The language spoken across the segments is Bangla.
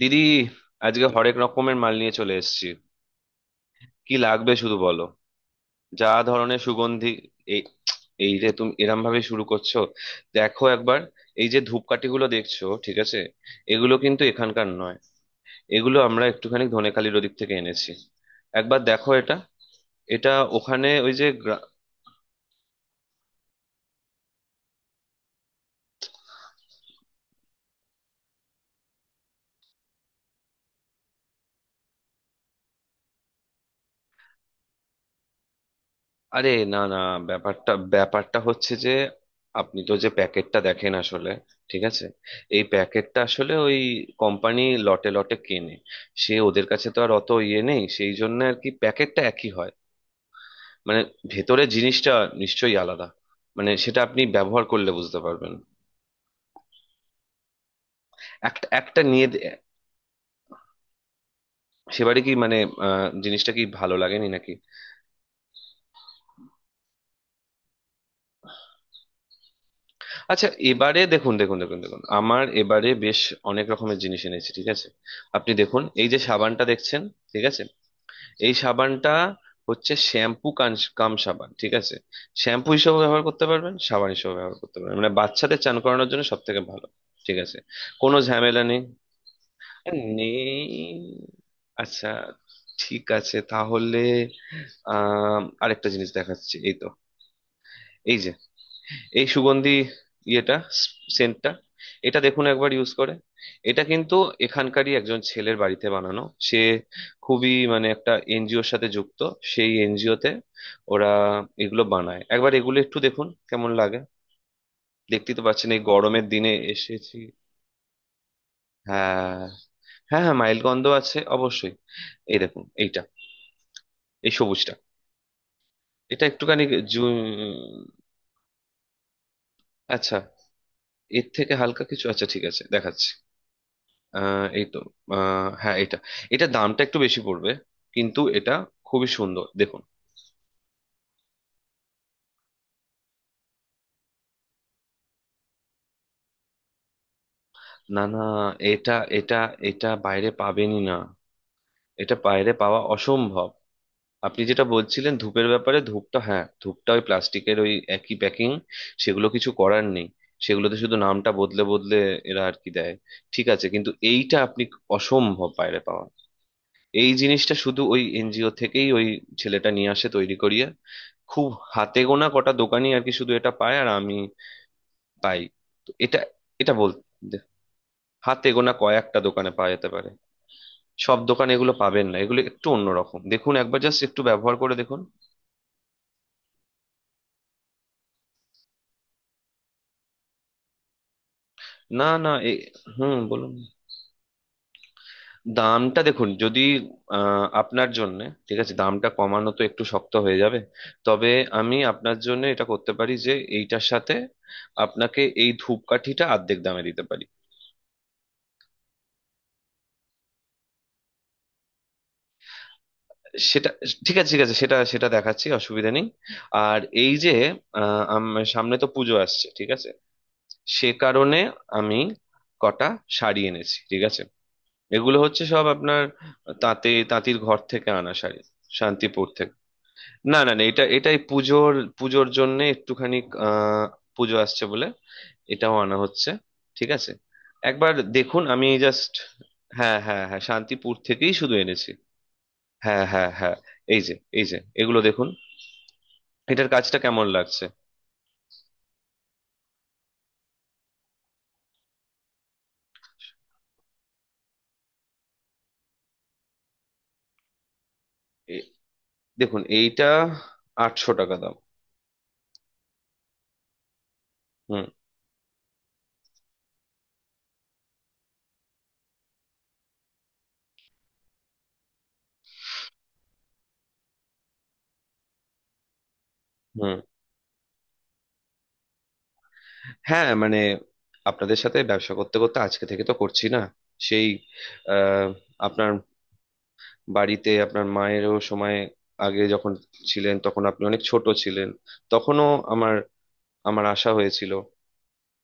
দিদি, আজকে হরেক রকমের মাল নিয়ে চলে এসেছি। কি লাগবে শুধু বলো। যা ধরনের সুগন্ধি। এই এই রে, তুমি এরম ভাবে শুরু করছো? দেখো একবার। এই যে ধূপকাঠি গুলো দেখছো, ঠিক আছে? এগুলো কিন্তু এখানকার নয়। এগুলো আমরা একটুখানি ধনেখালির ওদিক থেকে এনেছি। একবার দেখো এটা। এটা ওখানে ওই যে। আরে না না, ব্যাপারটা ব্যাপারটা হচ্ছে যে আপনি তো যে প্যাকেটটা দেখেন আসলে, ঠিক আছে? এই প্যাকেটটা আসলে ওই কোম্পানি লটে লটে কেনে। সে ওদের কাছে তো আর অত ইয়ে নেই, সেই জন্য আর কি প্যাকেটটা একই হয়। মানে ভেতরে জিনিসটা নিশ্চয়ই আলাদা। মানে সেটা আপনি ব্যবহার করলে বুঝতে পারবেন। একটা একটা নিয়ে সেবারে কি মানে জিনিসটা কি ভালো লাগেনি নাকি? আচ্ছা, এবারে দেখুন দেখুন দেখুন দেখুন, আমার এবারে বেশ অনেক রকমের জিনিস এনেছি, ঠিক আছে? আপনি দেখুন এই যে সাবানটা দেখছেন, ঠিক আছে? এই সাবানটা হচ্ছে শ্যাম্পু কান কাম সাবান, ঠিক আছে? শ্যাম্পু হিসেবে ব্যবহার করতে পারবেন, সাবান হিসেবে ব্যবহার করতে পারবেন, মানে বাচ্চাদের চান করানোর জন্য সব থেকে ভালো, ঠিক আছে? কোনো ঝামেলা নেই। নেই? আচ্ছা, ঠিক আছে তাহলে। আরেকটা জিনিস দেখাচ্ছি, এই তো। এই যে এই সুগন্ধি, ইয়েটা, সেন্টটা, এটা দেখুন একবার ইউজ করে। এটা কিন্তু এখানকারই একজন ছেলের বাড়িতে বানানো। সে খুবই মানে একটা এনজিওর সাথে যুক্ত। সেই এনজিওতে ওরা এগুলো বানায়। একবার এগুলো একটু দেখুন কেমন লাগে। দেখতেই তো পাচ্ছেন এই গরমের দিনে এসেছি। হ্যাঁ, হ্যাঁ মাইল গন্ধ আছে অবশ্যই। এই দেখুন এইটা, এই সবুজটা। এটা একটুখানি জু- আচ্ছা, এর থেকে হালকা কিছু, আচ্ছা ঠিক আছে দেখাচ্ছি। এই তো। হ্যাঁ এটা। এটা দামটা একটু বেশি পড়বে, কিন্তু এটা খুবই সুন্দর দেখুন। না না, এটা এটা এটা বাইরে পাবেনই না। এটা বাইরে পাওয়া অসম্ভব। আপনি যেটা বলছিলেন ধূপের ব্যাপারে, ধূপটা, হ্যাঁ ধূপটা ওই প্লাস্টিকের ওই একই প্যাকিং, সেগুলো কিছু করার নেই। সেগুলোতে শুধু নামটা বদলে বদলে এরা আর কি দেয়, ঠিক আছে? কিন্তু এইটা আপনি অসম্ভব বাইরে পাওয়া। এই জিনিসটা শুধু ওই এনজিও থেকেই ওই ছেলেটা নিয়ে আসে তৈরি করিয়ে। খুব হাতে গোনা কটা দোকানি আর কি শুধু এটা পায়, আর আমি পাই। তো এটা এটা বলতে হাতে গোনা কয়েকটা দোকানে পাওয়া যেতে পারে, সব দোকানে এগুলো পাবেন না। এগুলো একটু অন্যরকম দেখুন একবার, জাস্ট একটু ব্যবহার করে দেখুন। না না, এ বলুন। দামটা দেখুন যদি, আপনার জন্য, ঠিক আছে, দামটা কমানো তো একটু শক্ত হয়ে যাবে। তবে আমি আপনার জন্য এটা করতে পারি যে এইটার সাথে আপনাকে এই ধূপকাঠিটা অর্ধেক দামে দিতে পারি। সেটা ঠিক আছে, ঠিক আছে, সেটা সেটা দেখাচ্ছি, অসুবিধা নেই। আর এই যে সামনে তো পুজো আসছে, ঠিক আছে? সে কারণে আমি কটা শাড়ি এনেছি, ঠিক আছে? এগুলো হচ্ছে সব আপনার তাঁতে তাঁতির ঘর থেকে আনা শাড়ি, শান্তিপুর থেকে। না না না, এটা এটাই পুজোর, পুজোর জন্য একটুখানি, আহ পুজো আসছে বলে এটাও আনা হচ্ছে, ঠিক আছে? একবার দেখুন আমি জাস্ট। হ্যাঁ হ্যাঁ হ্যাঁ শান্তিপুর থেকেই শুধু এনেছি। হ্যাঁ, হ্যাঁ, হ্যাঁ। এই যে এই যে এগুলো দেখুন, এটার কাজটা কেমন লাগছে? এ- দেখুন এইটা 800 টাকা দাম। হুম। হুম। হ্যাঁ মানে আপনাদের সাথে ব্যবসা করতে করতে, আজকে থেকে তো করছি না। সেই আহ আপনার বাড়িতে আপনার মায়েরও সময় আগে যখন ছিলেন, তখন আপনি অনেক ছোট ছিলেন। তখনও আমার আমার আশা হয়েছিল,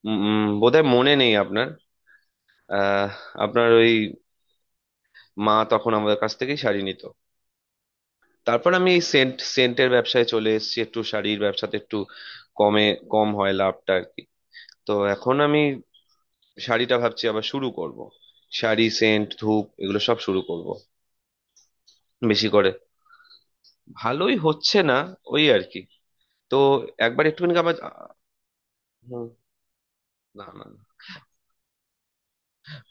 উম, উম, বোধহয় মনে নেই আপনার। আহ, আপনার ওই মা তখন আমাদের কাছ থেকেই শাড়ি নিত। তারপর আমি এই সেন্টের ব্যবসায় চলে এসেছি, একটু শাড়ির ব্যবসাতে একটু কমে কম হয় লাভটা আর কি। তো এখন আমি শাড়িটা ভাবছি আবার শুরু করব। শাড়ি, সেন্ট, ধূপ, এগুলো সব শুরু করব বেশি করে। ভালোই হচ্ছে না, ওই আর কি। তো একবার একটুখানি আমার হুম, না না না।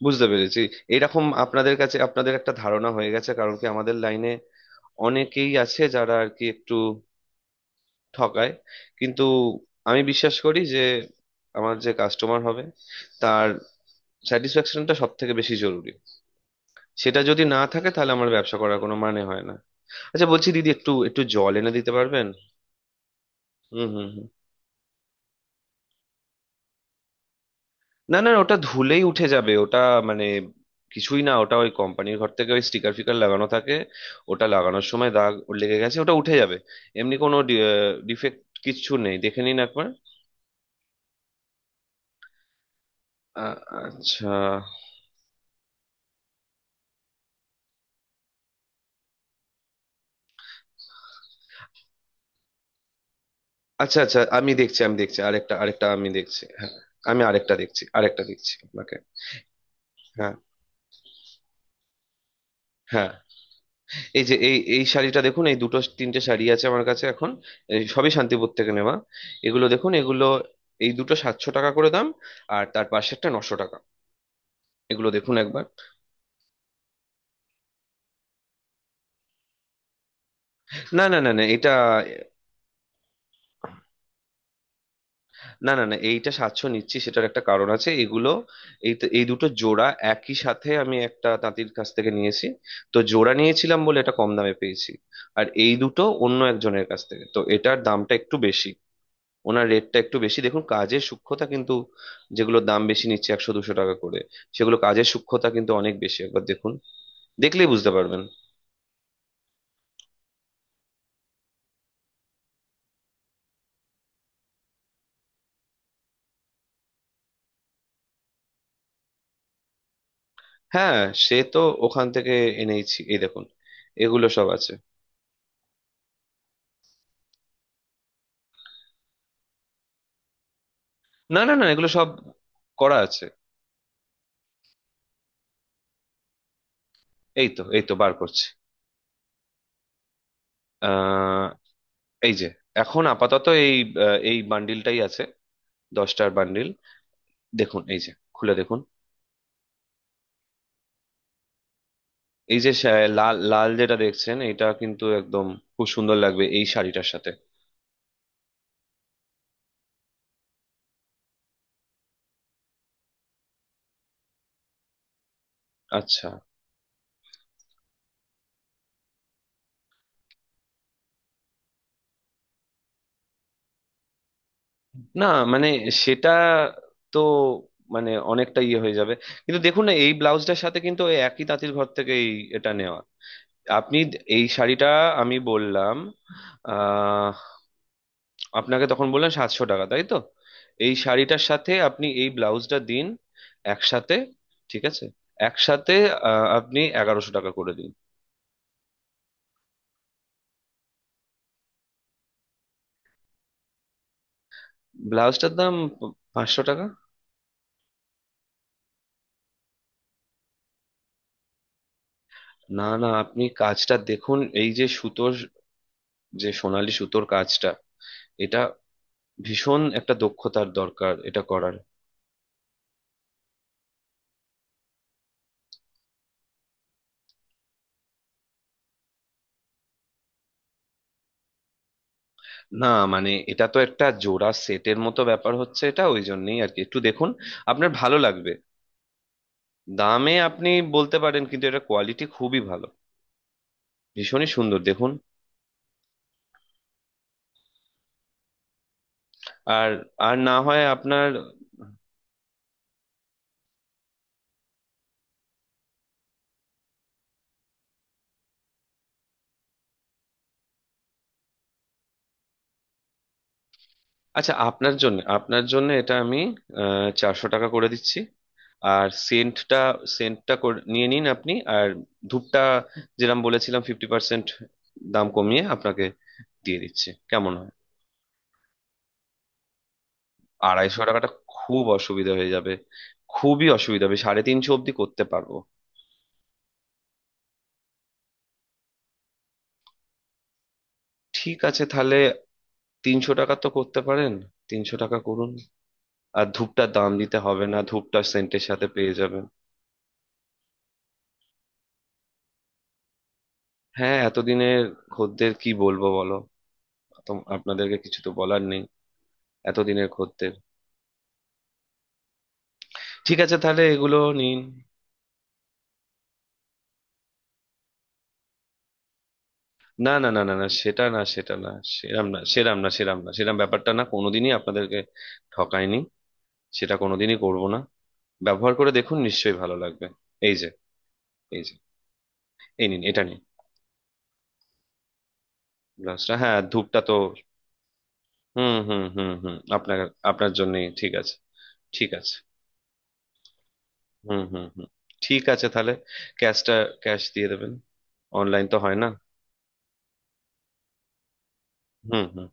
বুঝতে পেরেছি। এরকম আপনাদের কাছে, আপনাদের একটা ধারণা হয়ে গেছে, কারণ কি আমাদের লাইনে অনেকেই আছে যারা আর কি একটু ঠকায়। কিন্তু আমি বিশ্বাস করি যে আমার যে কাস্টমার হবে, তার স্যাটিসফ্যাকশনটা সব থেকে বেশি জরুরি। সেটা যদি না থাকে তাহলে আমার ব্যবসা করার কোনো মানে হয় না। আচ্ছা, বলছি দিদি, একটু একটু জল এনে দিতে পারবেন? হুম হুম হুম। না না, ওটা ধুলেই উঠে যাবে ওটা, মানে কিছুই না। ওটা ওই কোম্পানির ঘর থেকে ওই স্টিকার ফিকার লাগানো থাকে, ওটা লাগানোর সময় দাগ লেগে গেছে। ওটা উঠে যাবে, এমনি কোনো ডিফেক্ট কিচ্ছু নেই, দেখে নিন একবার। আচ্ছা, আচ্ছা, আচ্ছা আমি দেখছি, আমি দেখছি, আরেকটা আরেকটা আমি দেখছি, হ্যাঁ। আমি আরেকটা দেখছি, আরেকটা দেখছি আপনাকে। হ্যাঁ, হ্যাঁ। এই যে এই এই শাড়িটা দেখুন, এই দুটো তিনটে শাড়ি আছে আমার কাছে এখন। এই সবই শান্তিপুর থেকে নেওয়া। এগুলো দেখুন, এগুলো এই দুটো 700 টাকা করে দাম, আর তার পাশেরটা 900 টাকা। এগুলো দেখুন একবার। না না না না, এটা না না না, এইটা সাতশো নিচ্ছি সেটার একটা কারণ আছে। এগুলো এই এই দুটো জোড়া একই সাথে আমি একটা তাঁতির কাছ থেকে নিয়েছি। তো জোড়া নিয়েছিলাম বলে এটা কম দামে পেয়েছি। আর এই দুটো অন্য একজনের কাছ থেকে, তো এটার দামটা একটু বেশি। ওনার রেটটা একটু বেশি দেখুন, কাজের সূক্ষ্মতা কিন্তু। যেগুলো দাম বেশি নিচ্ছে 100-200 টাকা করে, সেগুলো কাজের সূক্ষ্মতা কিন্তু অনেক বেশি, একবার দেখুন, দেখলেই বুঝতে পারবেন। হ্যাঁ, সে তো ওখান থেকে এনেইছি, এই দেখুন, এগুলো সব আছে। না না না, এগুলো সব করা আছে। এই তো এই তো বার করছি। আহ এই যে, এখন আপাতত এই এই বান্ডিলটাই আছে, 10টার বান্ডিল। দেখুন এই যে, খুলে দেখুন, এই যে লাল লাল যেটা দেখছেন, এটা কিন্তু একদম খুব সুন্দর লাগবে এই শাড়িটার সাথে। আচ্ছা, না মানে সেটা তো মানে অনেকটা ইয়ে হয়ে যাবে, কিন্তু দেখুন না, এই ব্লাউজটার সাথে কিন্তু ওই একই তাঁতির ঘর থেকে এই এটা নেওয়া। আপনি এই শাড়িটা আমি বললাম আপনাকে তখন, বললেন 700 টাকা, তাই তো? এই শাড়িটার সাথে আপনি এই ব্লাউজটা দিন একসাথে, ঠিক আছে, একসাথে, আপনি 1100 টাকা করে দিন। ব্লাউজটার দাম 500 টাকা। না না, আপনি কাজটা দেখুন, এই যে সুতোর, যে সোনালী সুতোর কাজটা, এটা ভীষণ একটা দক্ষতার দরকার এটা করার। না মানে, এটা তো একটা জোড়া সেটের মতো ব্যাপার হচ্ছে, এটা ওই জন্যই আর কি, একটু দেখুন আপনার ভালো লাগবে। দামে আপনি বলতে পারেন, কিন্তু এটা কোয়ালিটি খুবই ভালো, ভীষণই সুন্দর দেখুন। আর আর না হয় আপনার আচ্ছা, আপনার জন্য, আপনার জন্য এটা আমি 400 টাকা করে দিচ্ছি। আর সেন্টটা, সেন্টটা নিয়ে নিন আপনি, আর ধূপটা যেরকম বলেছিলাম 50% দাম কমিয়ে আপনাকে দিয়ে দিচ্ছি, কেমন হয়? 250 টাকাটা খুব অসুবিধা হয়ে যাবে, খুবই অসুবিধা হবে, 350 অবধি করতে পারবো। ঠিক আছে তাহলে 300 টাকা তো করতে পারেন, 300 টাকা করুন, আর ধূপটার দাম দিতে হবে না, ধূপটা সেন্টের সাথে পেয়ে যাবেন। হ্যাঁ, এতদিনের খদ্দের, কি বলবো বলো, আপনাদেরকে কিছু তো বলার নেই, এতদিনের খদ্দের। ঠিক আছে তাহলে এগুলো নিন। না না না না না, সেটা না, সেটা না, সেরাম না, সেরাম না, সেরাম না, সেরাম ব্যাপারটা না, কোনোদিনই আপনাদেরকে ঠকায়নি, সেটা কোনোদিনই করব না। ব্যবহার করে দেখুন, নিশ্চয়ই ভালো লাগবে। এই যে, এই যে, এই নিন, এটা নিন। গ্লাসটা, হ্যাঁ, ধূপটা তো হুম হুম হুম হুম, আপনার, আপনার জন্যই, ঠিক আছে। ঠিক আছে। হুম হুম হুম। ঠিক আছে তাহলে, ক্যাশটা, ক্যাশ দিয়ে দেবেন, অনলাইন তো হয় না। হুম, হুম।